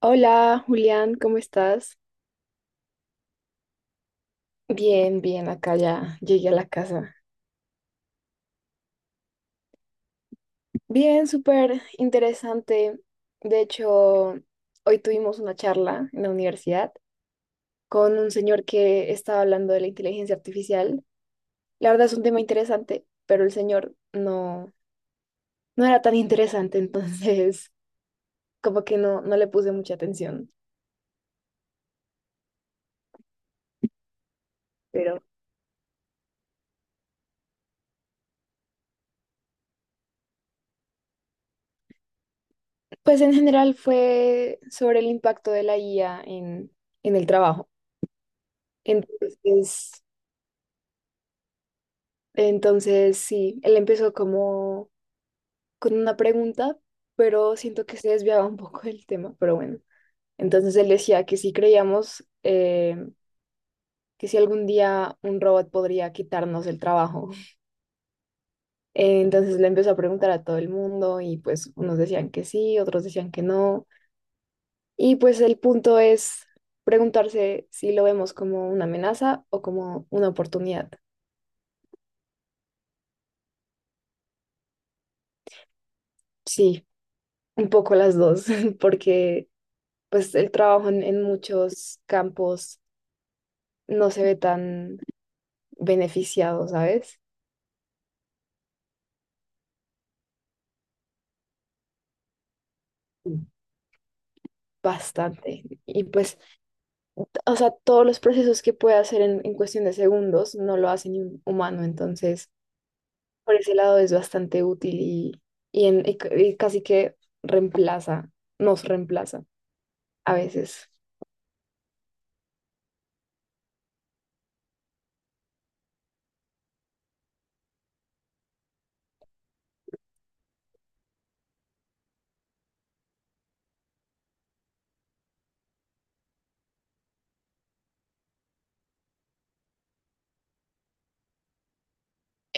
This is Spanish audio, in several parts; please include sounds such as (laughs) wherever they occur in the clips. Hola, Julián, ¿cómo estás? Bien, bien, acá ya llegué a la casa. Bien, súper interesante. De hecho, hoy tuvimos una charla en la universidad con un señor que estaba hablando de la inteligencia artificial. La verdad es un tema interesante, pero el señor no era tan (laughs) interesante, entonces como que no le puse mucha atención. Pero pues en general fue sobre el impacto de la IA en el trabajo. Entonces, Entonces, sí, él empezó como con una pregunta, pero siento que se desviaba un (laughs) poco del tema, pero bueno. Entonces él decía que si creíamos que si algún día un robot podría quitarnos el trabajo. (laughs) Entonces le empezó a preguntar a todo el mundo y pues unos decían que sí, otros decían que no. Y pues el punto es preguntarse si lo vemos como una amenaza o como una oportunidad. Sí, un poco las dos, (laughs) porque pues el trabajo en muchos campos no se ve tan beneficiado, ¿sabes? Bastante. Y pues, o sea, todos los procesos que puede hacer en cuestión de segundos no lo hace ni un humano, entonces por ese lado es bastante útil y casi que reemplaza, nos reemplaza a veces.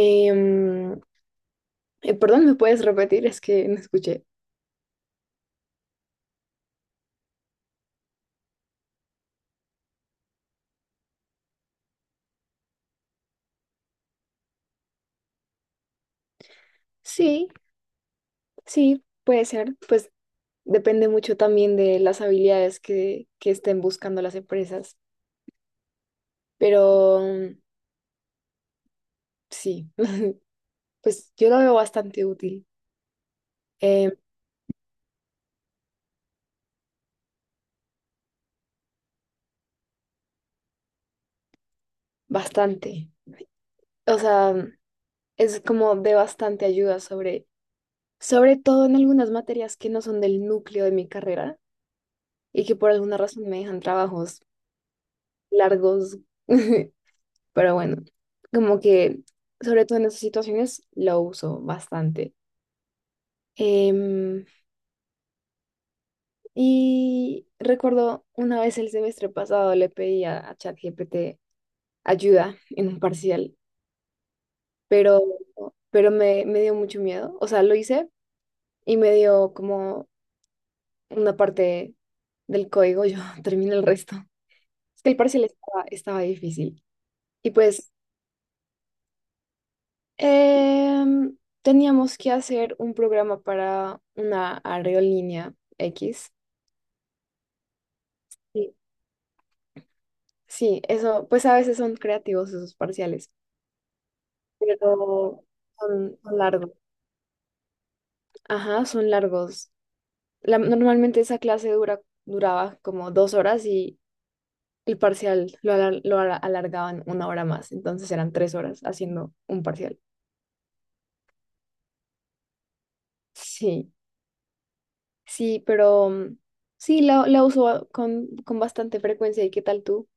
Em, Perdón, ¿me puedes repetir? Es que no escuché. Sí, sí, puede ser. Pues depende mucho también de las habilidades que estén buscando las empresas, pero sí, (laughs) pues yo lo veo bastante útil, eh, bastante. O sea, es como de bastante ayuda sobre todo en algunas materias que no son del núcleo de mi carrera y que por alguna razón me dejan trabajos largos, (laughs) pero bueno, como que sobre todo en esas situaciones lo uso bastante. Em, Y recuerdo una vez el semestre pasado le pedí a ChatGPT ayuda en un parcial, pero, pero me dio mucho miedo. O sea, lo hice y me dio como una parte del código, yo (laughs) terminé el resto. Es que el parcial estaba difícil. Y pues teníamos que hacer un programa para una aerolínea X. Y sí, eso, pues a veces son creativos esos parciales. Pero son, son largos. Ajá, son largos. Normalmente esa clase duraba como 2 horas y el parcial lo, alar- lo ala- alargaban 1 hora más, entonces eran 3 horas haciendo un parcial. Sí, sí, pero sí, la uso con bastante frecuencia. ¿Y qué tal tú?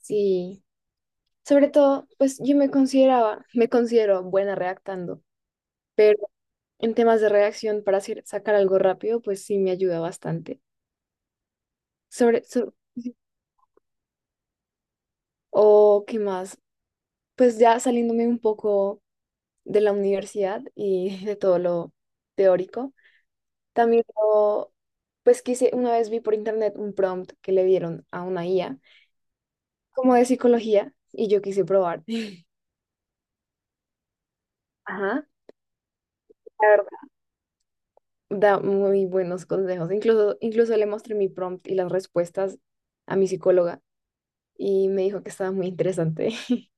Sí, sobre todo, pues yo me considero buena redactando, pero en temas de redacción para sacar algo rápido, pues sí me ayuda bastante. Sobre, so- O qué más, pues ya saliéndome un poco de la universidad y (laughs) de todo lo teórico, también lo- pues quise, una vez vi por internet un prompt que le dieron a una IA como de psicología y yo quise probar. (laughs) Ajá, la verdad, da muy buenos consejos. Incluso, incluso le mostré mi prompt y las respuestas a mi psicóloga y me dijo que estaba muy interesante. (laughs)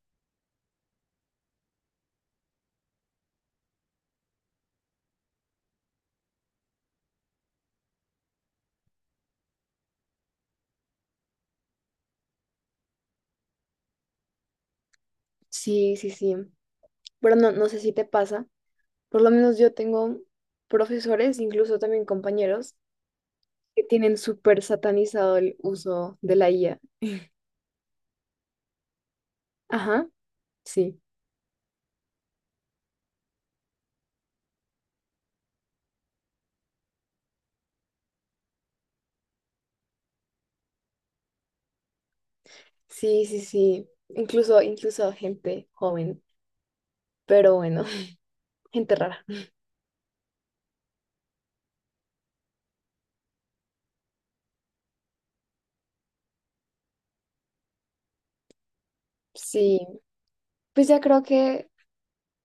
Sí, sí, sí. Pero no, no sé si te pasa. Por lo menos yo tengo profesores, incluso también compañeros, que tienen súper satanizado el uso de la IA. Ajá, sí, sí, sí, sí. Incluso, incluso gente joven, pero bueno, (laughs) gente rara. Sí, pues ya creo que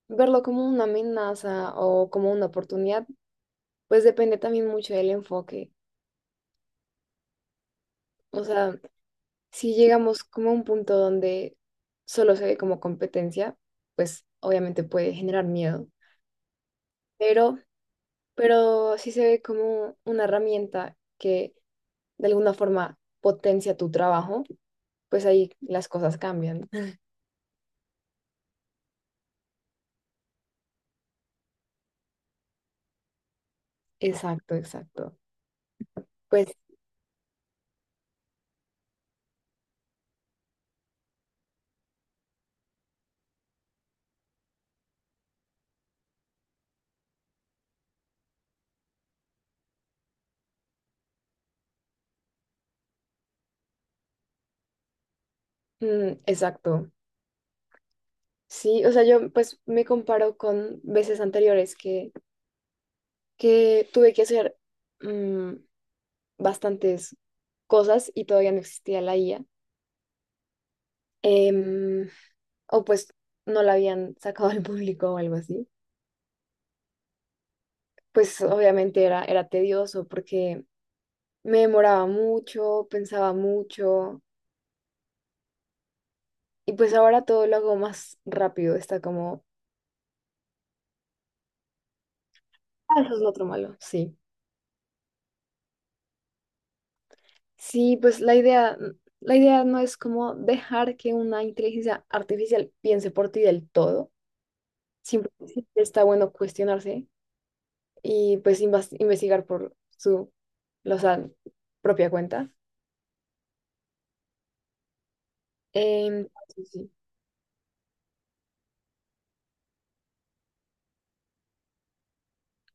verlo como una amenaza o como una oportunidad, pues depende también mucho del enfoque. O sea, si llegamos como a un punto donde solo se ve como competencia, pues obviamente puede generar miedo. Pero pero sí se ve como una herramienta que de alguna forma potencia tu trabajo, pues ahí las cosas cambian. (laughs) Exacto, exacto. Pues, exacto. Sí, o sea, yo pues me comparo con veces anteriores que tuve que hacer mm, bastantes cosas y todavía no existía la IA. Em, o pues no la habían sacado al (laughs) público o algo así. Pues obviamente era tedioso porque me demoraba mucho, pensaba mucho y pues ahora todo lo hago más rápido. Está como, ah, eso es lo otro malo, sí. Sí, pues la idea, la idea no es como dejar que una inteligencia artificial piense por ti del todo. Siempre está bueno cuestionarse y pues investigar por su, o sea, propia cuenta. Em, sí, sí.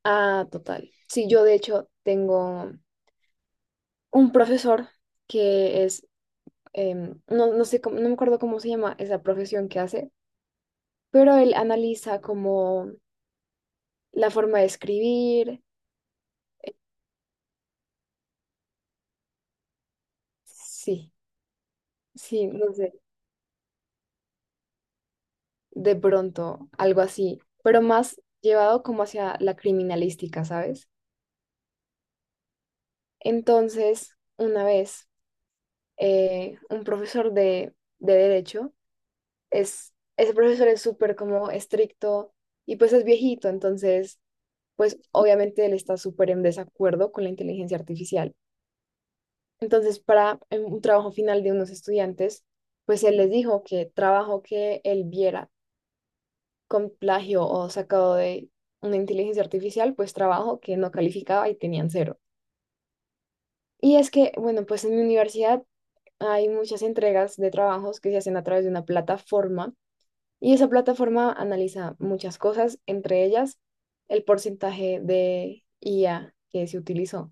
Ah, total. Sí, yo de hecho tengo un profesor que es no, no sé cómo, no me acuerdo cómo se llama esa profesión que hace, pero él analiza como la forma de escribir, sí, sí, no sé, de pronto, algo así, pero más llevado como hacia la criminalística, ¿sabes? Entonces, una vez, un profesor de derecho, es, ese profesor es súper como estricto y pues es viejito, entonces, pues obviamente él está súper en desacuerdo con la inteligencia artificial. Entonces, para un trabajo final de unos estudiantes, pues él les dijo que trabajo que él viera con plagio o sacado de una inteligencia artificial, pues trabajo que no calificaba y tenían 0. Y es que, bueno, pues en mi universidad hay muchas entregas de trabajos que se hacen a través de una plataforma y esa plataforma analiza muchas cosas, entre ellas el porcentaje de IA que se utilizó.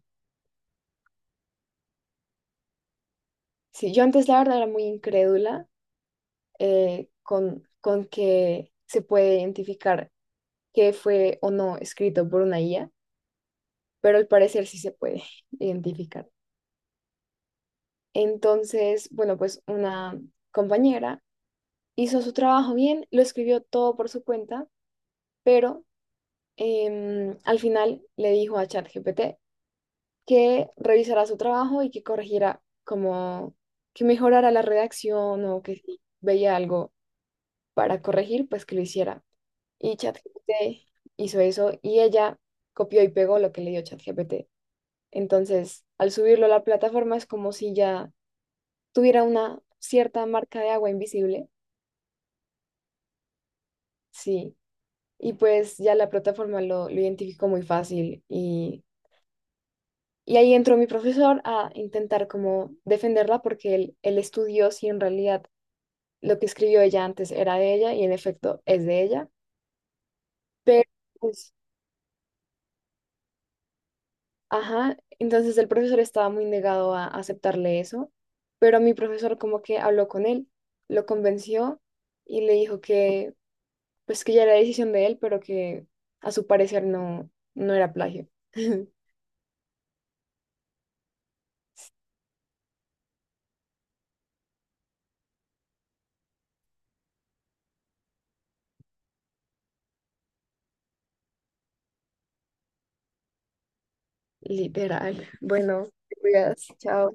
Sí, yo antes la verdad era muy incrédula con que se puede identificar qué fue o no escrito por una IA, pero al parecer sí se puede (laughs) identificar. Entonces, bueno, pues una compañera hizo su trabajo bien, lo escribió todo por su cuenta, pero al final le dijo a ChatGPT que revisara su trabajo y que corrigiera como que mejorara la redacción o que si veía algo para corregir, pues que lo hiciera. Y ChatGPT hizo eso y ella copió y pegó lo que le dio ChatGPT. Entonces, al subirlo a la plataforma es como si ya tuviera una cierta marca de agua invisible. Sí. Y pues ya la plataforma lo identificó muy fácil. Y ahí entró mi profesor a intentar como defenderla porque él estudió si en realidad lo que escribió ella antes era de ella y en efecto es de ella. Pero pues ajá, entonces el profesor estaba muy negado a aceptarle eso, pero mi profesor como que habló con él, lo convenció y le dijo que pues que ya era decisión de él, pero que a su parecer no, no era plagio. (laughs) Literal. Bueno, te cuidas, chao.